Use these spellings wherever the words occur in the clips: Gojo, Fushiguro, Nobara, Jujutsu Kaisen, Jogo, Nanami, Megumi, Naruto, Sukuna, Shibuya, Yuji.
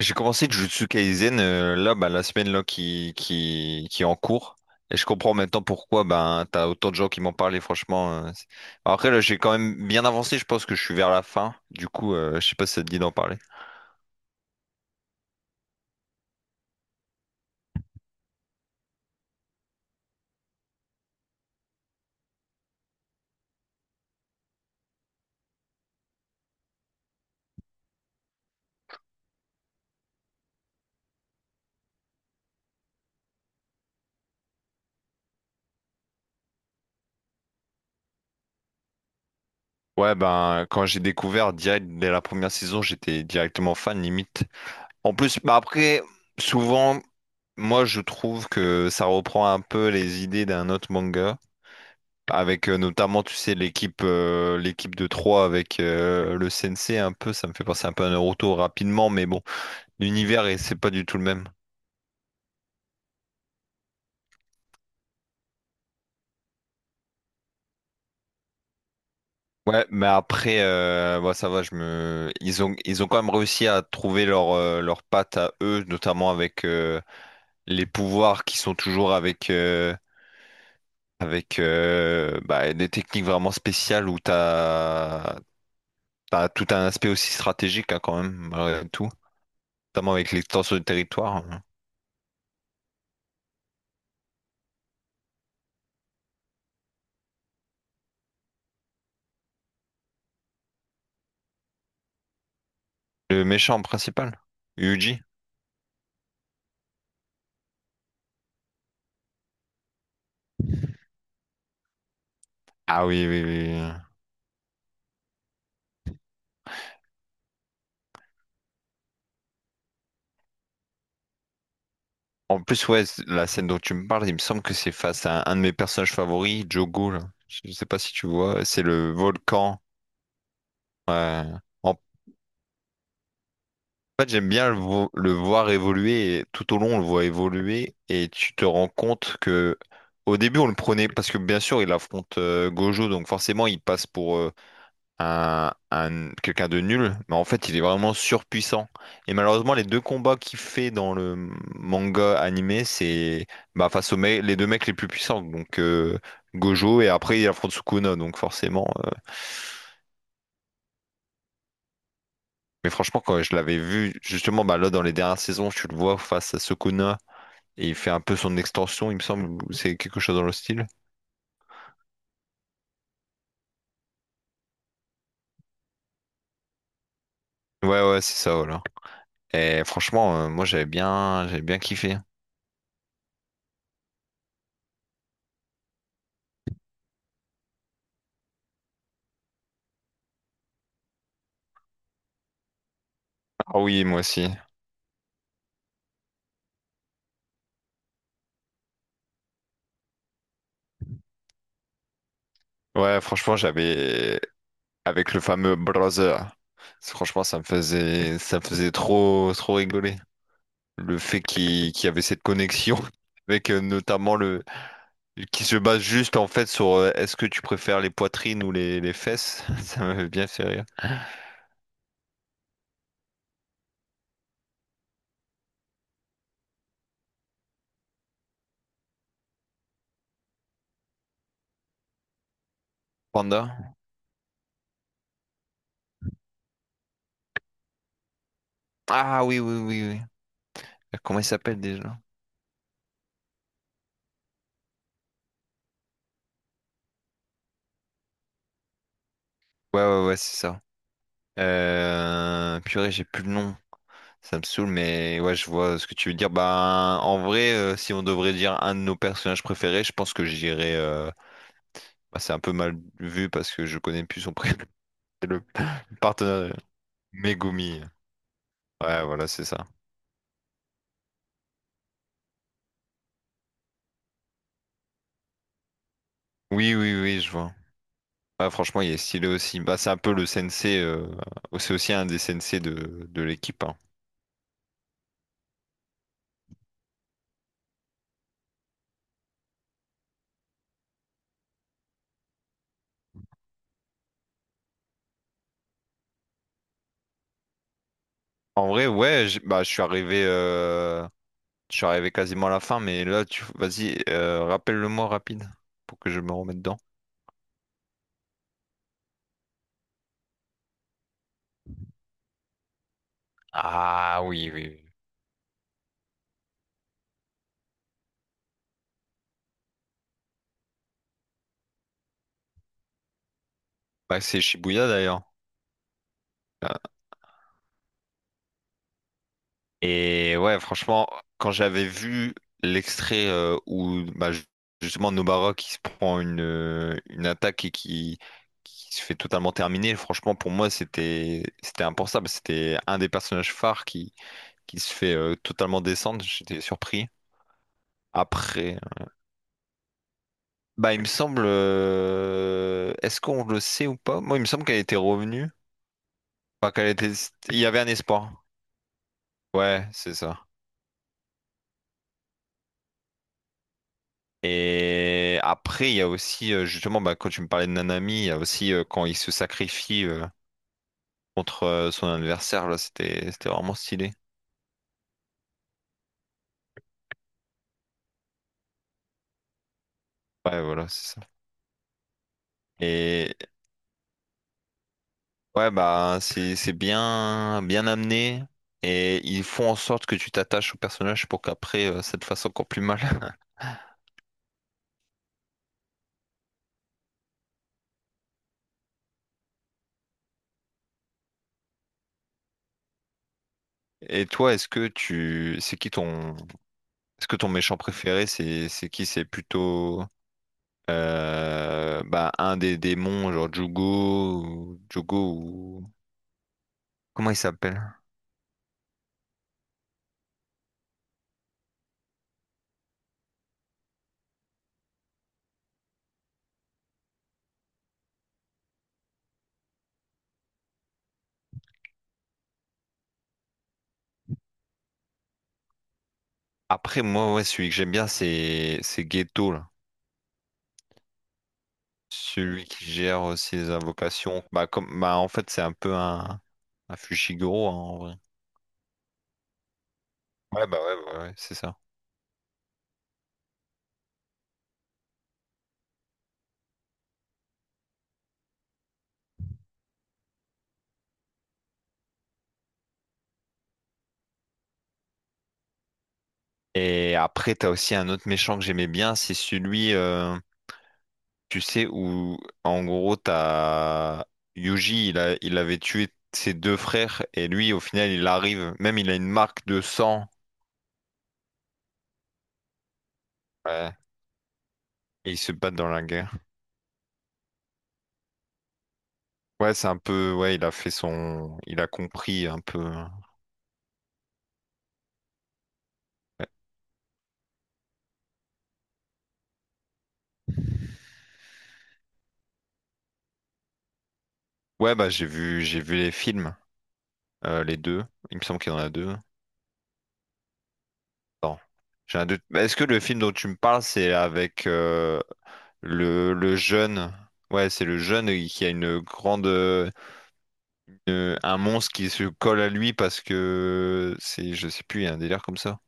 J'ai commencé Jujutsu Kaisen là la semaine là qui est en cours et je comprends maintenant pourquoi t'as autant de gens qui m'en parlent et franchement après là j'ai quand même bien avancé, je pense que je suis vers la fin du coup. Je sais pas si ça te dit d'en parler. Ouais, quand j'ai découvert, direct dès la première saison j'étais directement fan, limite. En plus, après, souvent, moi je trouve que ça reprend un peu les idées d'un autre manga. Avec notamment, tu sais, l'équipe de 3 avec le CNC un peu, ça me fait penser un peu à Naruto rapidement, mais bon, l'univers, et c'est pas du tout le même. Ouais, mais après, ça va, ils ont quand même réussi à trouver leur patte à eux, notamment avec les pouvoirs qui sont toujours des techniques vraiment spéciales où t'as tout un aspect aussi stratégique, hein, quand même, malgré tout, notamment avec l'extension du territoire. Le méchant principal? Yuji? Ah oui, oui, oui, oui. En plus, ouais, la scène dont tu me parles, il me semble que c'est face à un de mes personnages favoris, Jogo, là. Je sais pas si tu vois, c'est le volcan. Ouais. En fait, j'aime bien le, le voir évoluer, et tout au long, on le voit évoluer, et tu te rends compte que, au début, on le prenait, parce que bien sûr, il affronte Gojo, donc forcément, il passe pour, quelqu'un de nul, mais en fait, il est vraiment surpuissant. Et malheureusement, les deux combats qu'il fait dans le manga animé, c'est les deux mecs les plus puissants, donc Gojo, et après, il affronte Sukuna, donc forcément. Mais franchement, quand je l'avais vu, justement, là, dans les dernières saisons, tu le vois face à Sukuna, et il fait un peu son extension, il me semble, ou c'est quelque chose dans le style. Ouais, ouais, c'est ça, voilà. Et franchement, moi, j'avais bien kiffé. Ah oui, moi aussi. Ouais, franchement, j'avais. Avec le fameux brother. Franchement, ça me faisait trop rigoler. Le fait qu'il y avait cette connexion avec notamment qui se base juste en fait sur est-ce que tu préfères les poitrines ou les fesses? Ça m'avait bien fait rire. Panda? Ah oui, oui, oui, oui. Comment il s'appelle déjà? Ouais, ouais, ouais, c'est ça. Purée, j'ai plus le nom. Ça me saoule, mais ouais, je vois ce que tu veux dire. Bah, en vrai, si on devrait dire un de nos personnages préférés, je pense que j'irais. Bah, c'est un peu mal vu parce que je connais plus son prénom. C'est le partenaire. Megumi. Ouais, voilà, c'est ça. Oui, oui, oui, je vois. Ouais, franchement, il est stylé aussi. Bah, c'est un peu le sensei. C'est aussi un des sensei de l'équipe, hein. En vrai, ouais, je suis arrivé quasiment à la fin, mais là, vas-y, rappelle-le-moi rapide pour que je me remette dedans. Ah oui, oui, oui. Bah, c'est Shibuya d'ailleurs. Bah, Et ouais, franchement, quand j'avais vu l'extrait où justement Nobara qui se prend une attaque et qui se fait totalement terminer, franchement, pour moi, c'était impensable. C'était un des personnages phares qui se fait totalement descendre. J'étais surpris. Après, bah, il me semble, est-ce qu'on le sait ou pas? Moi, il me semble qu'elle était revenue. Enfin, il y avait un espoir. Ouais, c'est ça. Et après, il y a aussi, justement, bah, quand tu me parlais de Nanami, il y a aussi quand il se sacrifie contre son adversaire, là, c'était vraiment stylé. Ouais, voilà, c'est ça. Et ouais, bah, c'est bien amené. Et ils font en sorte que tu t'attaches au personnage pour qu'après, ça te fasse encore plus mal. Et toi, est-ce que tu, c'est qui ton, est-ce que ton méchant préféré, c'est qui? C'est plutôt, un des démons, genre Jugo, Jugo. Comment il s'appelle? Après, moi, ouais, celui que j'aime bien, c'est Ghetto, là. Celui qui gère ses invocations. En fait, c'est un peu un Fushiguro, hein, en vrai. Ouais, bah, ouais, ouais, ouais, c'est ça. Et après, t'as aussi un autre méchant que j'aimais bien, c'est celui, tu sais, où, en gros, t'as Yuji, il avait tué ses deux frères, et lui, au final, il arrive, même il a une marque de sang, ouais, et ils se battent dans la guerre. Ouais, c'est un peu. Ouais, il a fait son. Il a compris un peu. Ouais. Ouais, j'ai vu les films, les deux. Il me semble qu'il y en a deux. Attends, j'ai un doute. Bah, est-ce que le film dont tu me parles, c'est avec le jeune? Ouais, c'est le jeune qui a une un monstre qui se colle à lui parce que c'est, je sais plus, il y a un délire comme ça.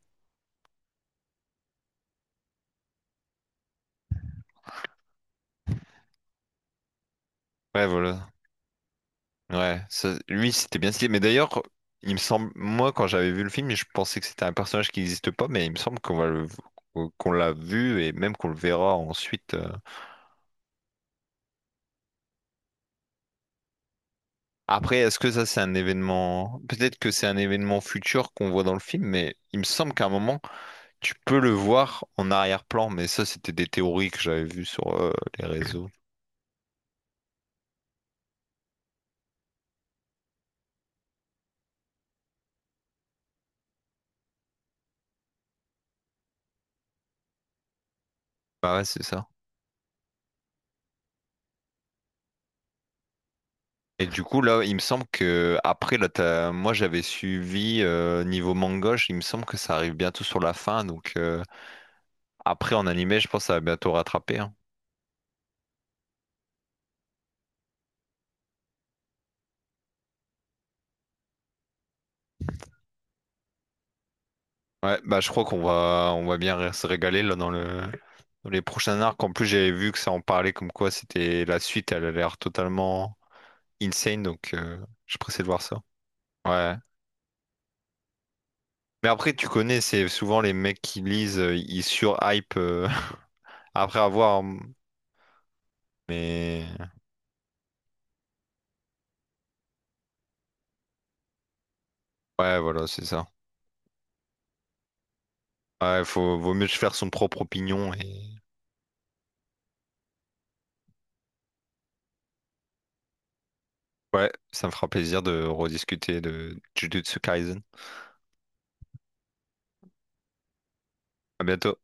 Ouais, voilà. Ouais, ça- lui c'était bien stylé. Mais d'ailleurs, il me semble, moi quand j'avais vu le film, je pensais que c'était un personnage qui n'existe pas, mais il me semble qu'on qu'on l'a vu et même qu'on le verra ensuite. Après, est-ce que ça c'est un événement? Peut-être que c'est un événement futur qu'on voit dans le film, mais il me semble qu'à un moment tu peux le voir en arrière-plan. Mais ça, c'était des théories que j'avais vues sur les réseaux. Bah ouais, c'est ça. Et du coup, là, il me semble que après, là, moi, j'avais suivi niveau mangoche. Il me semble que ça arrive bientôt sur la fin. Donc après, en animé, je pense que ça va bientôt rattraper, hein. Ouais, je crois qu'on va, on va bien se régaler là dans le, dans les prochains arcs. En plus, j'avais vu que ça en parlait comme quoi c'était la suite. Elle a l'air totalement insane. Donc je suis pressé de voir ça. Ouais. Mais après, tu connais, c'est souvent les mecs qui lisent, ils surhype après avoir. Mais ouais, voilà, c'est ça. Ouais, faut, vaut mieux se faire son propre opinion et ouais, ça me fera plaisir de rediscuter de Jujutsu Kaisen. À bientôt.